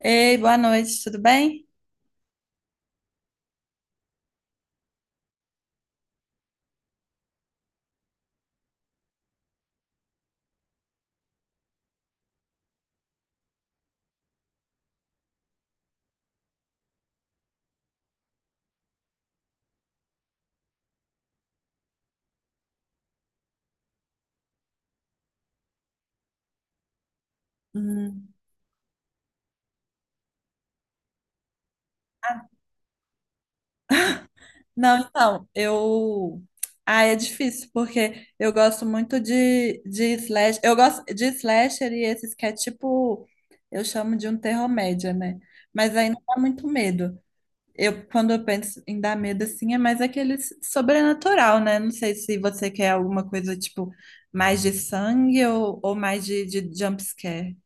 Ei, boa noite, tudo bem? Hum, Não, então, eu. Ah, é difícil, porque eu gosto muito de slash. Eu gosto de slasher e esses que é tipo. Eu chamo de um terror-média, né? Mas aí não dá muito medo. Eu, quando eu penso em dar medo assim, é mais aquele sobrenatural, né? Não sei se você quer alguma coisa tipo mais de sangue ou mais de jump scare.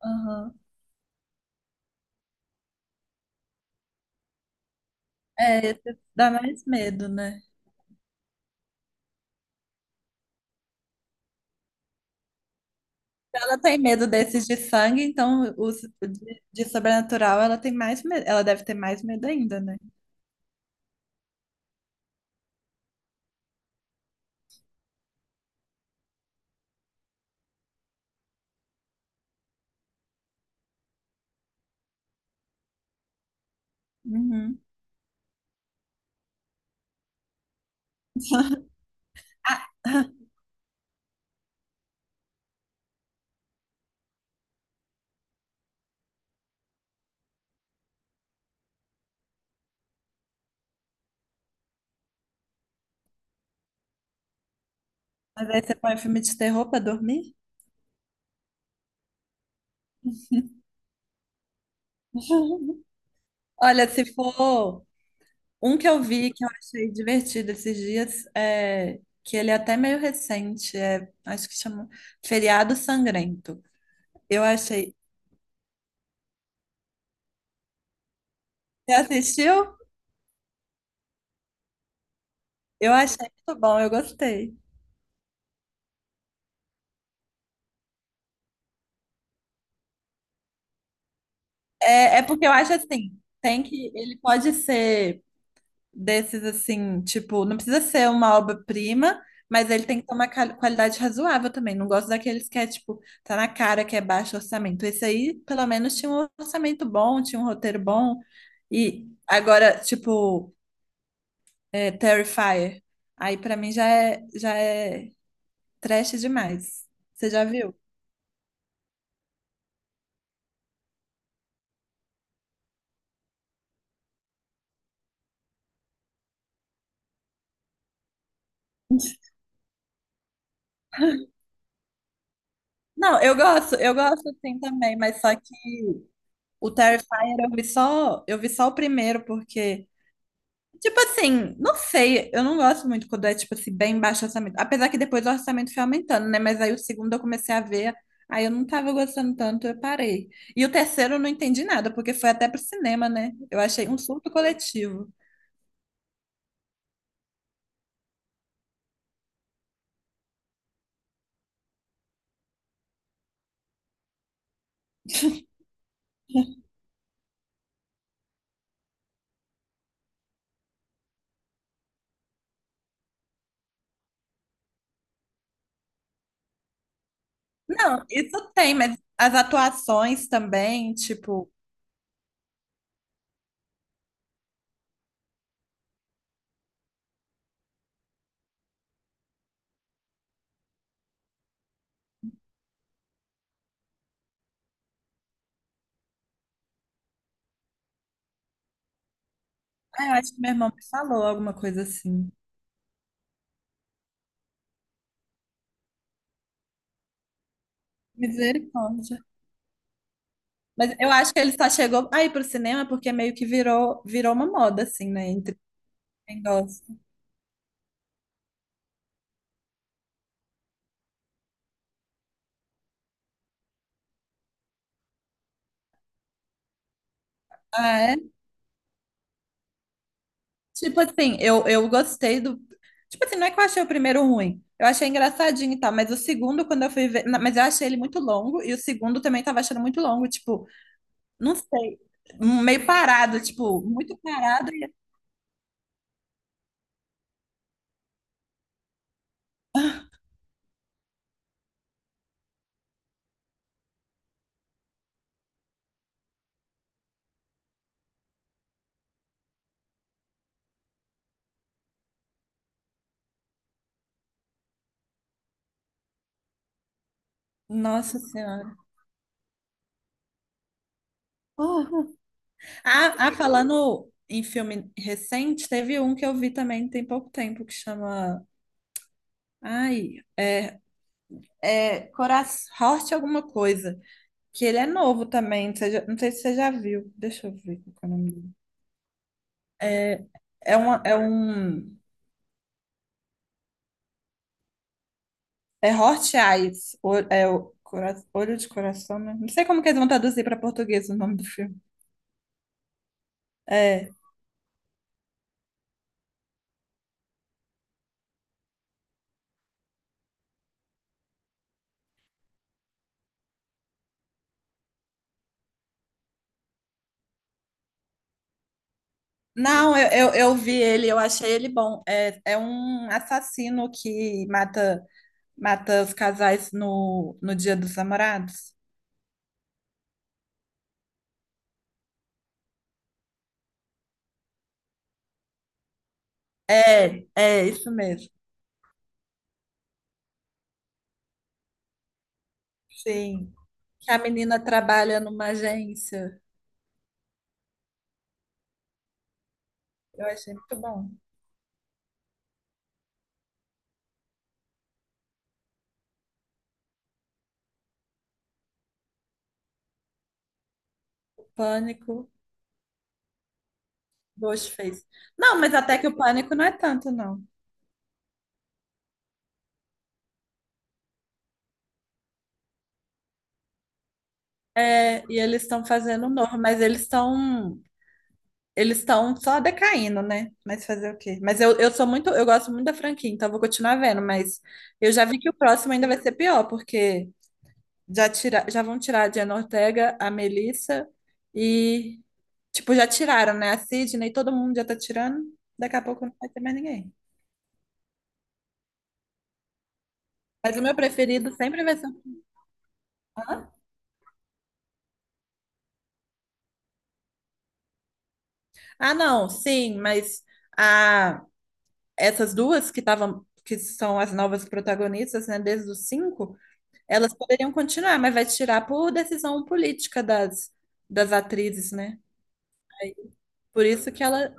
Aham. É, esse dá mais medo, né? Ela tem medo desses de sangue, então os de sobrenatural ela tem mais medo, ela deve ter mais medo ainda, né? Uhum. Ah, mas aí você põe filme de terror pra dormir? Olha, se for um que eu vi que eu achei divertido esses dias, é, que ele é até meio recente, é, acho que chama Feriado Sangrento. Eu achei. Você assistiu? Eu achei muito bom, eu gostei. É, é porque eu acho assim, tem que, ele pode ser desses assim, tipo, não precisa ser uma obra-prima, mas ele tem que ter uma qualidade razoável também. Não gosto daqueles que é, tipo, tá na cara que é baixo orçamento. Esse aí, pelo menos, tinha um orçamento bom, tinha um roteiro bom. E agora, tipo, é, Terrifier. Aí pra mim já é trash demais. Você já viu? Não, eu gosto sim também, mas só que o Terrifier eu vi só o primeiro, porque tipo assim, não sei, eu não gosto muito quando é, tipo assim, bem baixo o orçamento. Apesar que depois o orçamento foi aumentando, né? Mas aí o segundo eu comecei a ver, aí eu não tava gostando tanto, eu parei. E o terceiro eu não entendi nada, porque foi até pro cinema, né? Eu achei um surto coletivo. Não, isso tem, mas as atuações também, tipo, ah, eu acho que meu irmão me falou alguma coisa assim. Misericórdia. Mas eu acho que ele só chegou aí pro cinema porque meio que virou uma moda, assim, né? Entre quem gosta. Ah, é? Tipo assim, eu gostei do. Tipo assim, não é que eu achei o primeiro ruim. Eu achei engraçadinho e tal, mas o segundo, quando eu fui ver. Mas eu achei ele muito longo, e o segundo também tava achando muito longo, tipo, não sei. Meio parado, tipo, muito parado. Nossa Senhora. Uhum. Ah, falando em filme recente, teve um que eu vi também tem pouco tempo que chama. Ai, é Coração, Horte alguma coisa. Que ele é novo também. Não sei se você já viu. Deixa eu ver qual que é o nome. É, é, uma, é um. É Heart Eyes. É o Olho de Coração, né? Não sei como que eles vão traduzir para português o nome do filme. É. Não, eu vi ele, eu achei ele bom. É, é um assassino que mata, mata os casais no Dia dos Namorados. É, é isso mesmo. Sim. Que a menina trabalha numa agência. Eu achei muito bom. Pânico, Ghostface. Não, mas até que o pânico não é tanto, não. É, e eles estão fazendo um novo, mas eles estão só decaindo, né? Mas fazer o quê? Mas eu sou muito, eu gosto muito da franquia, então eu vou continuar vendo, mas eu já vi que o próximo ainda vai ser pior, porque já tira, já vão tirar a Jenna Ortega, a Melissa e tipo, já tiraram, né? A Sydney, todo mundo já tá tirando. Daqui a pouco não vai ter mais ninguém. Mas o meu preferido sempre vai ser. Hã? Ah, não, sim, mas a essas duas que estavam, que são as novas protagonistas, né, desde os cinco, elas poderiam continuar, mas vai tirar por decisão política das atrizes, né? Aí, por isso que ela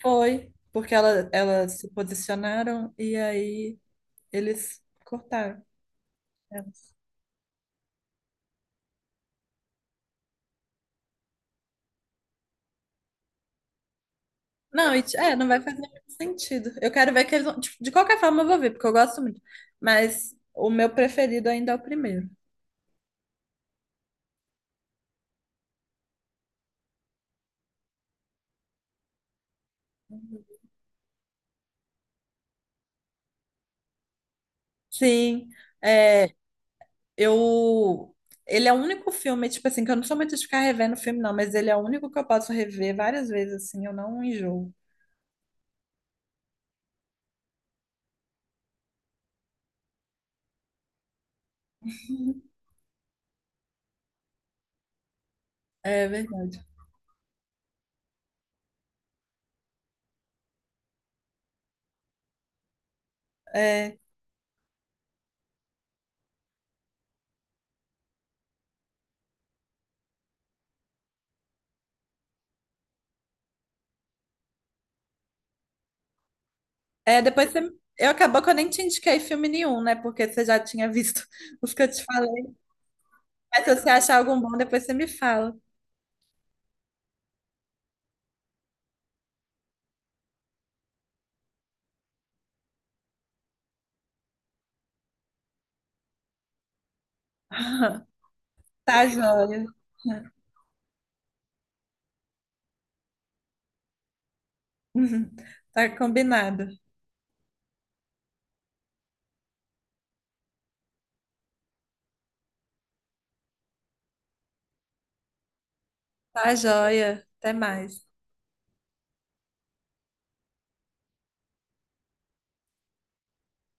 foi, porque ela, elas se posicionaram e aí eles cortaram. Elas. Não, e é, não vai fazer muito sentido. Eu quero ver que eles vão. Tipo, de qualquer forma, eu vou ver, porque eu gosto muito. Mas o meu preferido ainda é o primeiro. Sim. é, Eu. Ele é o único filme, tipo assim, que eu não sou muito de ficar revendo filme, não, mas ele é o único que eu posso rever várias vezes, assim, eu não enjoo. É verdade. É, é, depois você. Eu acabou que eu nem te indiquei filme nenhum, né? Porque você já tinha visto os que eu te falei. Mas se você achar algum bom, depois você me fala. Tá joia. Tá combinado. Tá joia. Até mais.